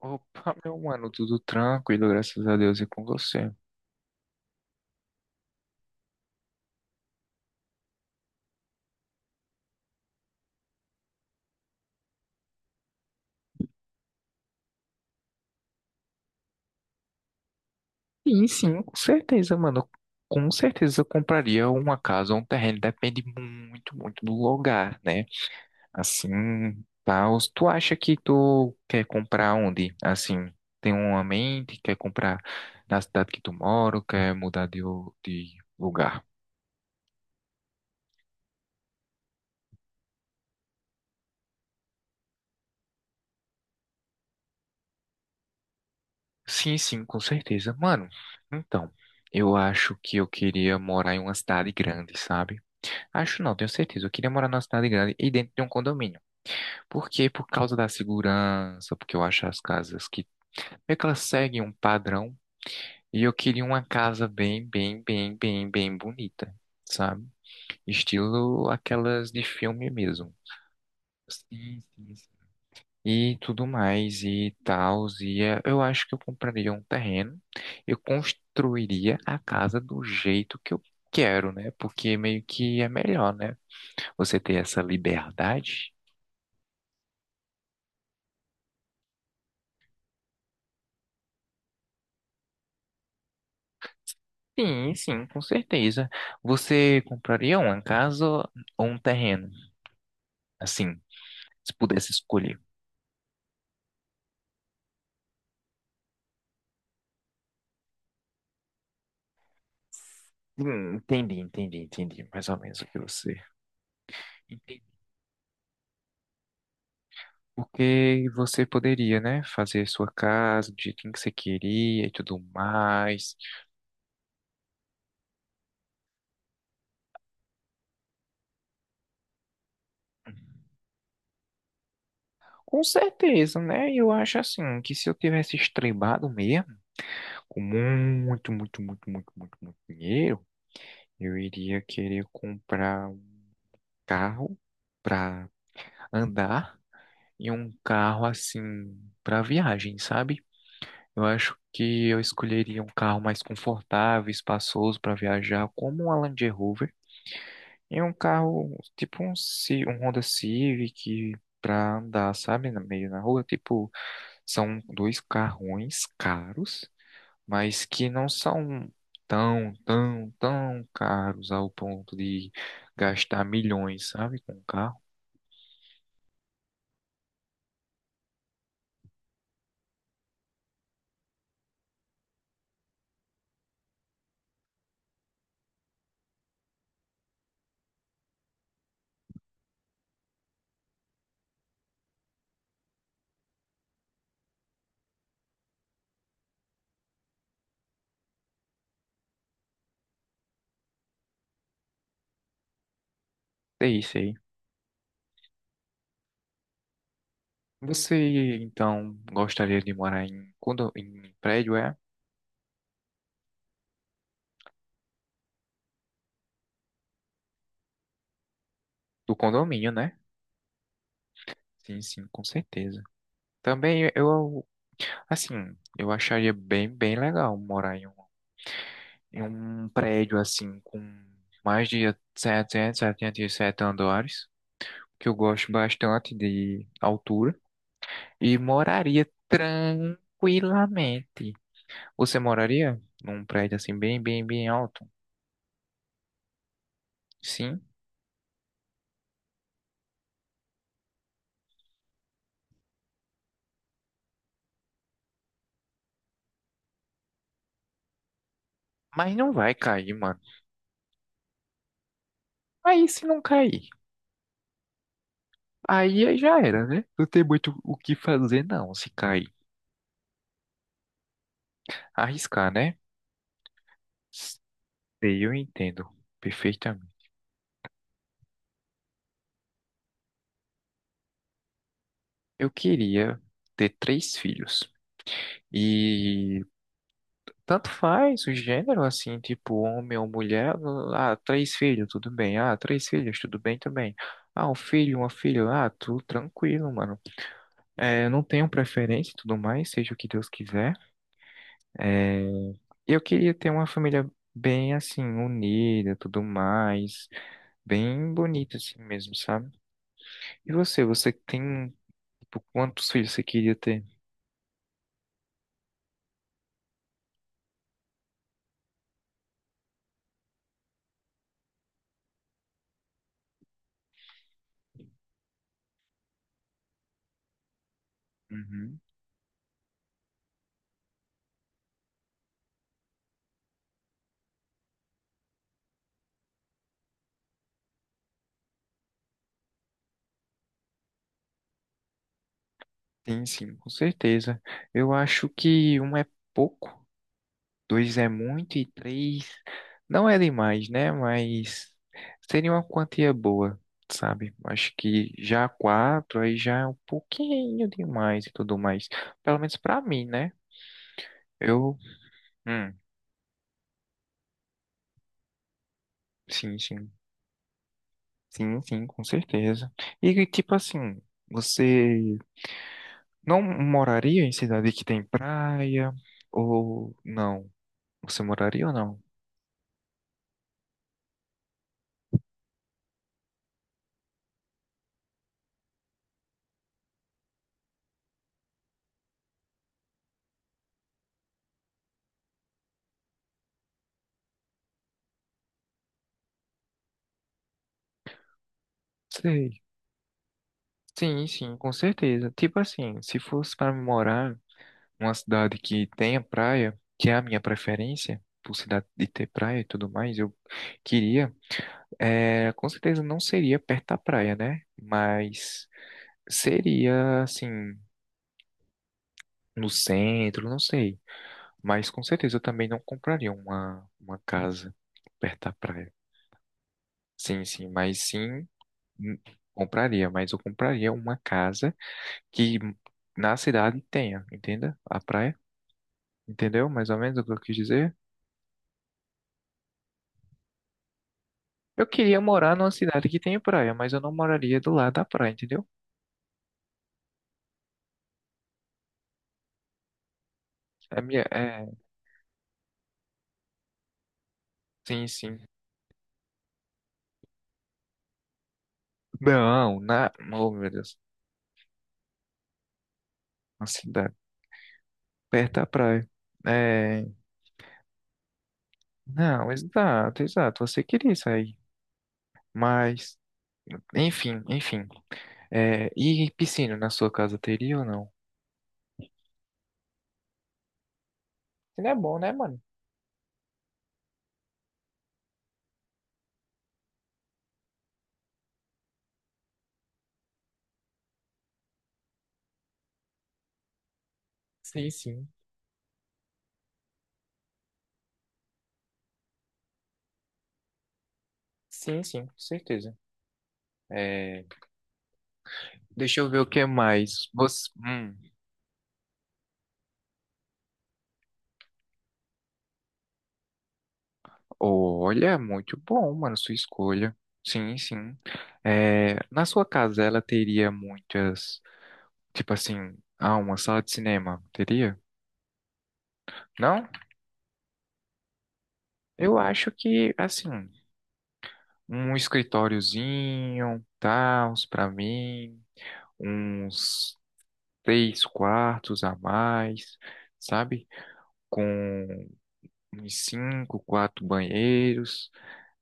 Opa, meu mano, tudo tranquilo, graças a Deus e com você. Sim, sim, com certeza, mano. Com certeza eu compraria uma casa ou um terreno, depende muito, muito do lugar, né? Assim, tal. Tu acha que tu quer comprar onde? Assim, tem uma mente, quer comprar na cidade que tu mora, ou quer mudar de lugar? Sim, sim, com certeza, mano. Então, eu acho que eu queria morar em uma cidade grande, sabe? Acho não, tenho certeza. Eu queria morar numa cidade grande e dentro de um condomínio. Por quê? Por causa da segurança, porque eu acho as casas que meio que elas seguem um padrão. E eu queria uma casa bem, bem, bem, bem, bem bonita, sabe? Estilo aquelas de filme mesmo. Sim, sim, sim. E tudo mais e tal. E eu acho que eu compraria um terreno. Eu construiria a casa do jeito que eu quero, né? Porque meio que é melhor, né? Você ter essa liberdade. Sim, sim, com certeza. Você compraria uma casa ou um terreno? Assim, se pudesse escolher. Entendi, entendi, entendi. Mais ou menos o que você. Entendi. Porque você poderia, né, fazer sua casa do jeitinho que você queria e tudo mais. Com certeza, né? Eu acho assim que se eu tivesse estrebado mesmo, com muito, muito, muito, muito, muito, muito dinheiro, eu iria querer comprar um carro para andar. E um carro assim para viagem, sabe? Eu acho que eu escolheria um carro mais confortável, espaçoso para viajar, como um Land Rover, e um carro tipo um Honda Civic para andar, sabe, no meio na rua. Tipo, são dois carrões caros, mas que não são tão, tão, tão caros ao ponto de gastar milhões, sabe, com um carro. É isso aí. Você então gostaria de morar em prédio, é? Do condomínio, né? Sim, sim, com certeza. Também eu, assim, eu acharia bem, bem legal morar em um prédio assim, com mais de 777 andares, que eu gosto bastante de altura, e moraria tranquilamente. Você moraria num prédio assim, bem, bem, bem alto? Sim, mas não vai cair, mano. Aí se não cair. Aí aí já era, né? Não tem muito o que fazer, não, se cair. Arriscar, né? Sei, eu entendo perfeitamente. Eu queria ter três filhos. E tanto faz o gênero, assim, tipo homem ou mulher. Ah, três filhos, tudo bem. Ah, três filhos, tudo bem também. Ah, um filho, uma filha, ah, tudo tranquilo, mano. É, não tenho preferência e tudo mais, seja o que Deus quiser. É, eu queria ter uma família bem, assim, unida, tudo mais. Bem bonito assim mesmo, sabe? E você, você tem, tipo, quantos filhos você queria ter? Uhum. Sim, sim, com certeza. Eu acho que um é pouco, dois é muito e três não é demais, né? Mas seria uma quantia boa, sabe? Acho que já quatro aí já é um pouquinho demais e tudo mais. Pelo menos pra mim, né? Eu, hum, sim, sim, sim, sim, com certeza. E tipo assim, você não moraria em cidade que tem praia? Ou não? Você moraria ou não? Sei. Sim, sim, com certeza. Tipo assim, se fosse para morar numa cidade que tenha praia, que é a minha preferência, por cidade de ter praia e tudo mais, eu queria, é, com certeza não seria perto da praia, né? Mas seria assim, no centro, não sei. Mas com certeza eu também não compraria uma casa perto da praia. Sim, sim, mas sim. Hum, Compraria, mas eu compraria uma casa que na cidade tenha, entenda? A praia, entendeu? Mais ou menos o que eu quis dizer. Eu queria morar numa cidade que tenha praia, mas eu não moraria do lado da praia, entendeu? É minha, é, sim, sim. Não, na, oh meu Deus, uma cidade perto da praia. É, não, exato, exato. Você queria isso aí, mas, enfim, enfim. É, e piscina na sua casa teria ou não? Piscina é bom, né, mano? Sim, sim. Sim, sim, com certeza. É, deixa eu ver o que mais. Você, olha, muito bom, mano, sua escolha. Sim, sim. É, na sua casa ela teria muitas, tipo assim, ah, uma sala de cinema, teria? Não? Eu acho que, assim, um escritóriozinho, tal, pra mim, uns três quartos a mais, sabe? Com uns cinco, quatro banheiros.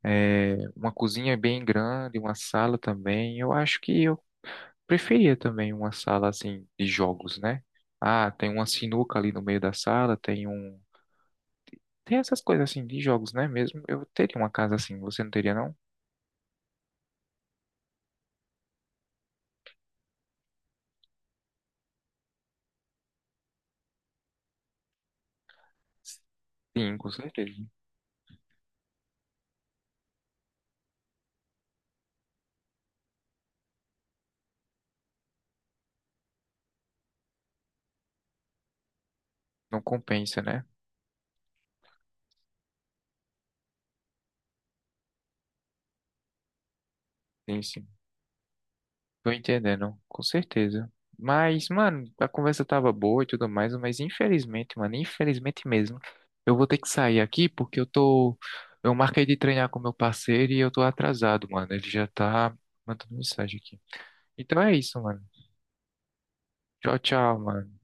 É, uma cozinha bem grande, uma sala também. Eu acho que eu preferia também uma sala assim de jogos, né? Ah, tem uma sinuca ali no meio da sala, tem um. Tem essas coisas assim de jogos, né? Mesmo eu teria uma casa assim, você não teria, não? Sim, com certeza. Não compensa, né? Sim, sim. Tô entendendo, com certeza. Mas, mano, a conversa tava boa e tudo mais, mas infelizmente, mano, infelizmente mesmo, eu vou ter que sair aqui porque eu tô. Eu marquei de treinar com meu parceiro e eu tô atrasado, mano. Ele já tá mandando mensagem aqui. Então é isso, mano. Tchau, tchau, mano.